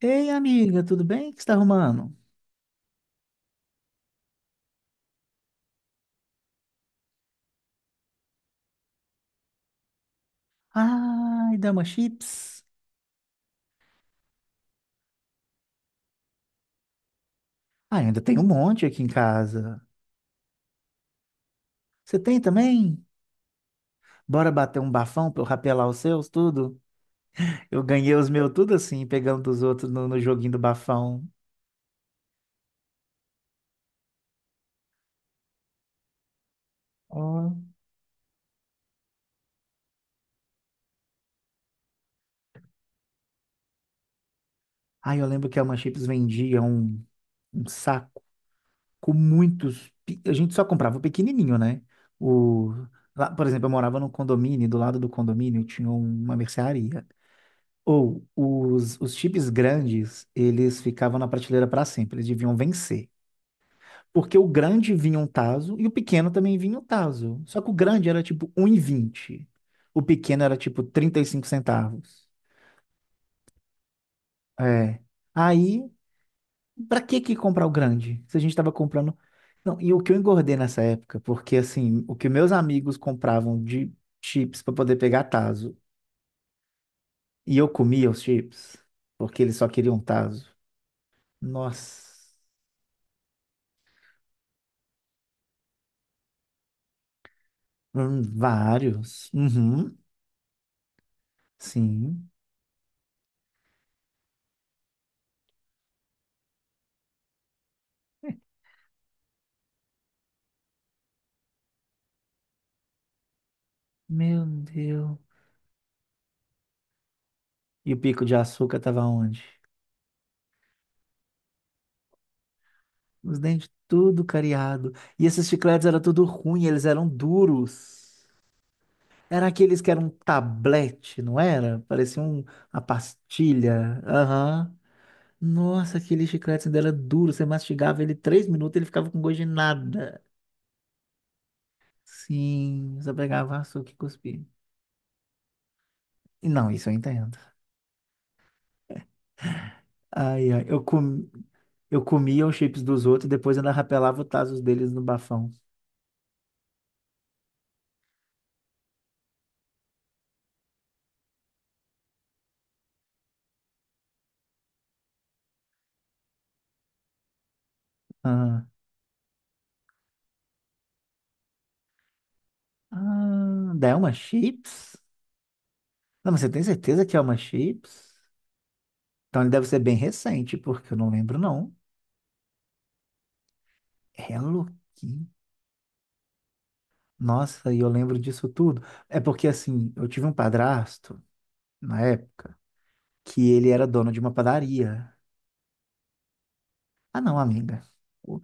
Ei, amiga, tudo bem? O que você está arrumando? Ai, Dama Chips. Ah, ainda tem um monte aqui em casa. Você tem também? Bora bater um bafão pra eu rapelar os seus, tudo? Eu ganhei os meus tudo assim, pegando dos outros no joguinho do bafão. Ó. Ai, eu lembro que a Dama Chips vendia um saco com muitos... pe- A gente só comprava o pequenininho, né? O... Lá, por exemplo, eu morava num condomínio, e do lado do condomínio tinha uma mercearia. Ou os chips grandes, eles ficavam na prateleira para sempre, eles deviam vencer. Porque o grande vinha um taso e o pequeno também vinha um taso. Só que o grande era tipo um e vinte. O pequeno era tipo 35 centavos. É. Aí, pra que que comprar o grande? Se a gente tava comprando. Não, e o que eu engordei nessa época, porque assim, o que meus amigos compravam de chips para poder pegar taso, e eu comia os chips, porque eles só queriam taso. Nossa. Vários. Uhum, sim. Meu Deus. E o pico de açúcar tava onde? Os dentes tudo cariado. E esses chicletes eram tudo ruim, eles eram duros. Era aqueles que eram um tablete, não era? Parecia um, uma pastilha. Aham. Nossa, aquele chiclete ainda era duro. Você mastigava ele 3 minutos, ele ficava com gosto de nada. Sim, você pegava açúcar e cuspia. E não, isso eu entendo. Ai, ai. Eu comia os chips dos outros e depois ainda rapelava os tazos deles no bafão. Ah. Ah, daí é uma chips? Não, mas você tem certeza que é uma chips? Então ele deve ser bem recente, porque eu não lembro, não. Hello Kitty. Nossa, e eu lembro disso tudo. É porque, assim, eu tive um padrasto, na época, que ele era dono de uma padaria. Ah, não, amiga. O-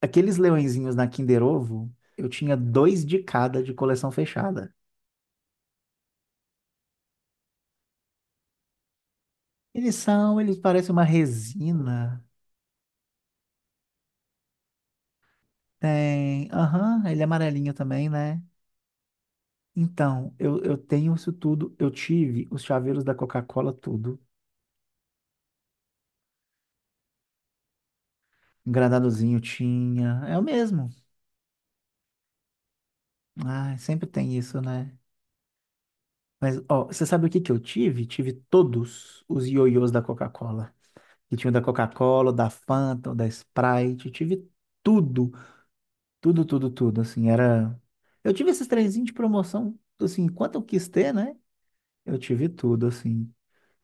Aqueles leõezinhos na Kinder Ovo, eu tinha dois de cada de coleção fechada. Eles são, eles parecem uma resina. Tem. Aham, ele é amarelinho também, né? Então, eu tenho isso tudo. Eu tive os chaveiros da Coca-Cola, tudo. Engradadozinho tinha. É o mesmo. Ah, sempre tem isso, né? Mas, ó, você sabe o que que eu tive? Tive todos os ioiôs da Coca-Cola. Que tinha o da Coca-Cola, o da Fanta, o da Sprite. Tive tudo, tudo, tudo, tudo. Assim, era. Eu tive esses trenzinhos de promoção, assim, quanto eu quis ter, né? Eu tive tudo, assim.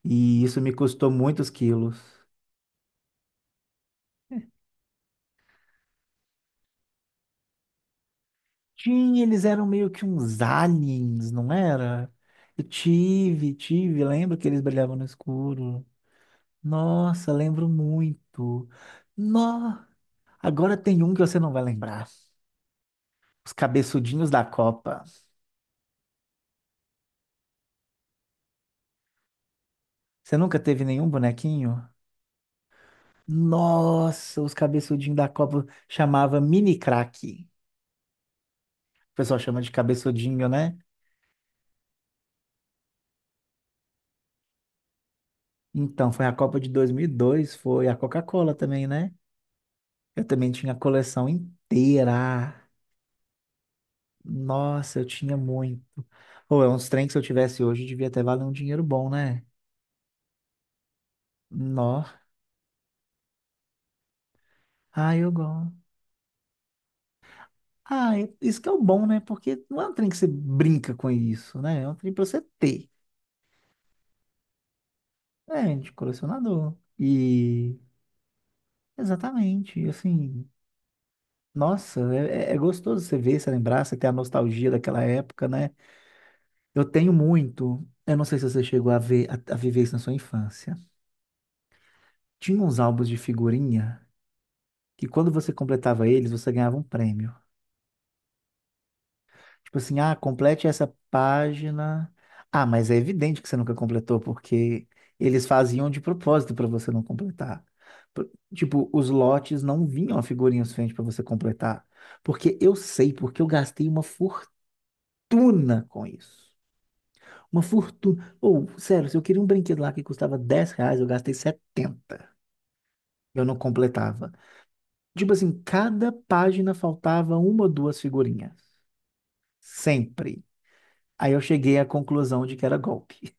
E isso me custou muitos quilos. Tinha, eles eram meio que uns aliens, não era? Eu tive, tive. Lembro que eles brilhavam no escuro. Nossa, lembro muito. Nó! Agora tem um que você não vai lembrar. Os cabeçudinhos da Copa. Você nunca teve nenhum bonequinho? Nossa, os cabeçudinhos da Copa chamava mini craque. O pessoal chama de cabeçudinho, né? Então, foi a Copa de 2002, foi a Coca-Cola também, né? Eu também tinha a coleção inteira. Nossa, eu tinha muito. Ou é uns trem que se eu tivesse hoje, devia até valer um dinheiro bom, né? Nó. Ah, eu gosto. Ah, é- isso que é o bom, né? Porque não é um trem que você brinca com isso, né? É um trem pra você ter. É, de colecionador. E exatamente, assim, nossa, é, é gostoso você ver, você lembrar, você ter a nostalgia daquela época, né? Eu tenho muito. Eu não sei se você chegou a ver, a viver isso na sua infância. Tinha uns álbuns de figurinha que quando você completava eles, você ganhava um prêmio. Tipo assim, ah, complete essa página. Ah, mas é evidente que você nunca completou, porque eles faziam de propósito para você não completar. Por- Tipo, os lotes não vinham a figurinha suficiente para você completar. Porque eu sei, porque eu gastei uma fortuna com isso. Uma fortuna. Ou, sério, se eu queria um brinquedo lá que custava 10 reais, eu gastei 70. Eu não completava. Tipo assim, cada página faltava uma ou duas figurinhas. Sempre. Aí eu cheguei à conclusão de que era golpe.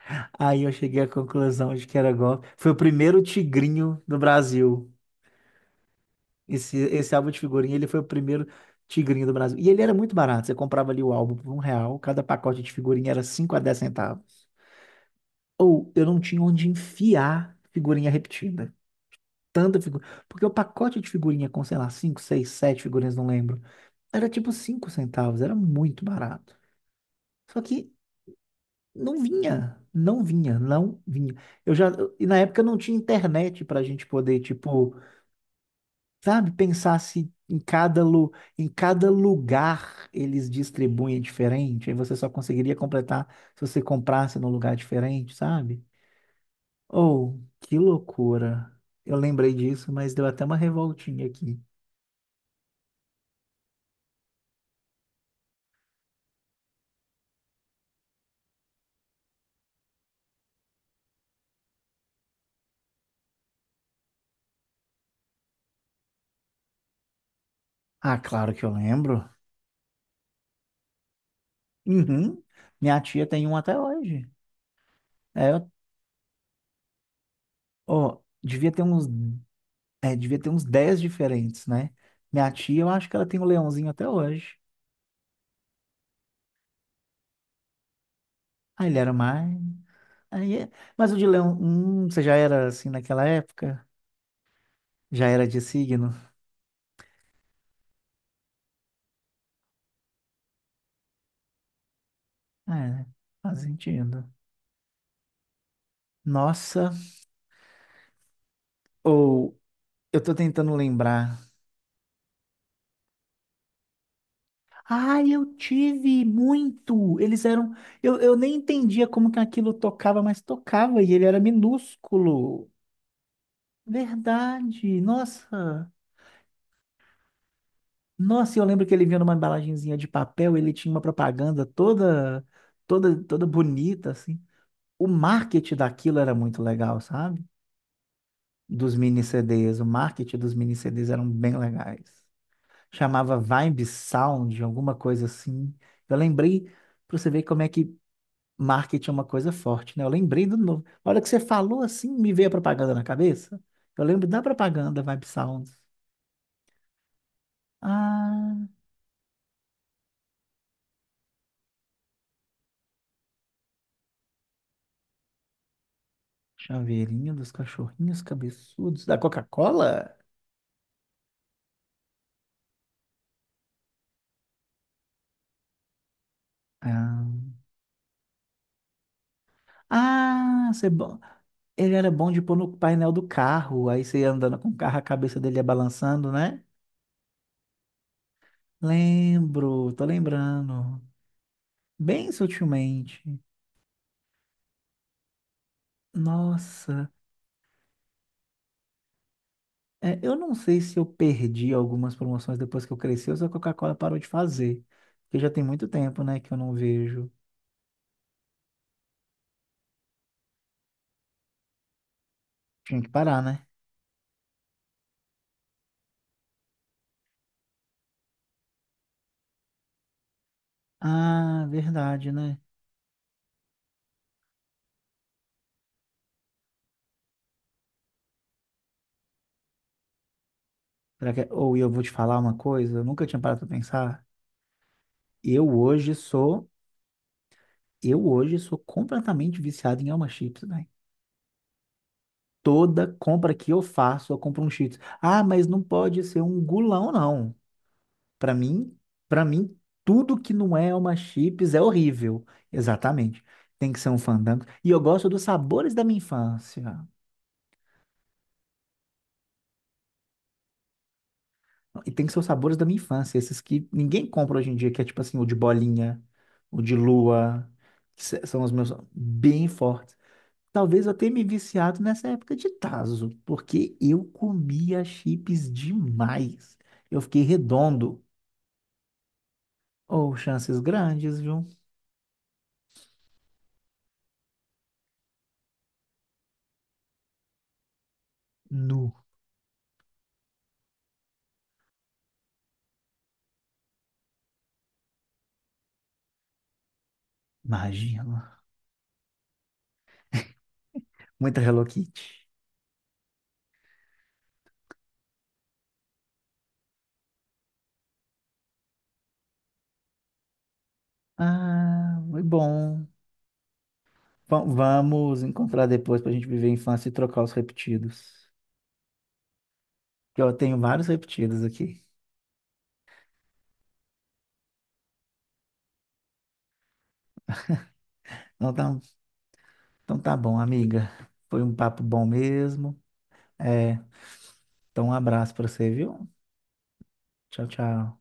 Aí eu cheguei à conclusão de que era golpe. Foi o primeiro tigrinho do Brasil. Esse álbum de figurinha, ele foi o primeiro tigrinho do Brasil. E ele era muito barato. Você comprava ali o álbum por 1 real. Cada pacote de figurinha era 5 a 10 centavos. Ou eu não tinha onde enfiar figurinha repetida. Tanta figura. Porque o pacote de figurinha com, sei lá, 5 6 7 figurinhas, não lembro. Era tipo 5 centavos, era muito barato. Só que não vinha, não vinha, não vinha. Eu já, e na época não tinha internet pra gente poder, tipo, sabe, pensar se em cada, lu, em cada lugar eles distribuem diferente. Aí você só conseguiria completar se você comprasse num lugar diferente, sabe? Oh, que loucura. Eu lembrei disso, mas deu até uma revoltinha aqui. Ah, claro que eu lembro. Uhum. Minha tia tem um até hoje. É, ó, devia ter uns 10 diferentes, né? Minha tia, eu acho que ela tem um leãozinho até hoje. Ah, ele era mais. Aí é... Mas o de leão, você já era assim naquela época? Já era de signo? É, faz sentido. Nossa, ou eu tô tentando lembrar. Ah, eu tive muito. Eles eram. Eu nem entendia como que aquilo tocava, mas tocava e ele era minúsculo. Verdade. Nossa. Nossa, eu lembro que ele vinha numa embalagenzinha de papel, ele tinha uma propaganda toda, toda, toda bonita, assim. O marketing daquilo era muito legal, sabe? Dos mini CDs. O marketing dos mini CDs eram bem legais. Chamava Vibe Sound, alguma coisa assim. Eu lembrei, pra você ver como é que marketing é uma coisa forte, né? Eu lembrei do novo. A hora que você falou assim, me veio a propaganda na cabeça. Eu lembro da propaganda Vibe Sounds. Ah, chaveirinho dos cachorrinhos cabeçudos da Coca-Cola? Ah, ah, você bo- ele era bom de pôr no painel do carro. Aí você ia andando com o carro, a cabeça dele ia balançando, né? Lembro, tô lembrando. Bem sutilmente. Nossa. É, eu não sei se eu perdi algumas promoções depois que eu cresci ou se a Coca-Cola parou de fazer. Porque já tem muito tempo, né, que eu não vejo. Tinha que parar, né? Ah, verdade, né? Será que é- Ou eu vou te falar uma coisa, eu nunca tinha parado pra pensar. Eu hoje sou, eu hoje sou completamente viciado em Alma Chips, né? Toda compra que eu faço, eu compro um Cheetos. Ah, mas não pode ser um gulão, não. Para mim, para mim, tudo que não é uma chips é horrível. Exatamente. Tem que ser um fandango. E eu gosto dos sabores da minha infância. E tem que ser os sabores da minha infância, esses que ninguém compra hoje em dia, que é tipo assim, o de bolinha, o de lua, que se- são os meus bem fortes. Talvez eu tenha me viciado nessa época de Tazo, porque eu comia chips demais. Eu fiquei redondo. Ou chances grandes, viu? Nu, imagina. Muita Hello Kitty. Ah, muito bom. Va- Vamos encontrar depois para a gente viver a infância e trocar os repetidos. Que eu tenho vários repetidos aqui. Então tá, então tá bom, amiga. Foi um papo bom mesmo. É, então um abraço para você, viu? Tchau, tchau.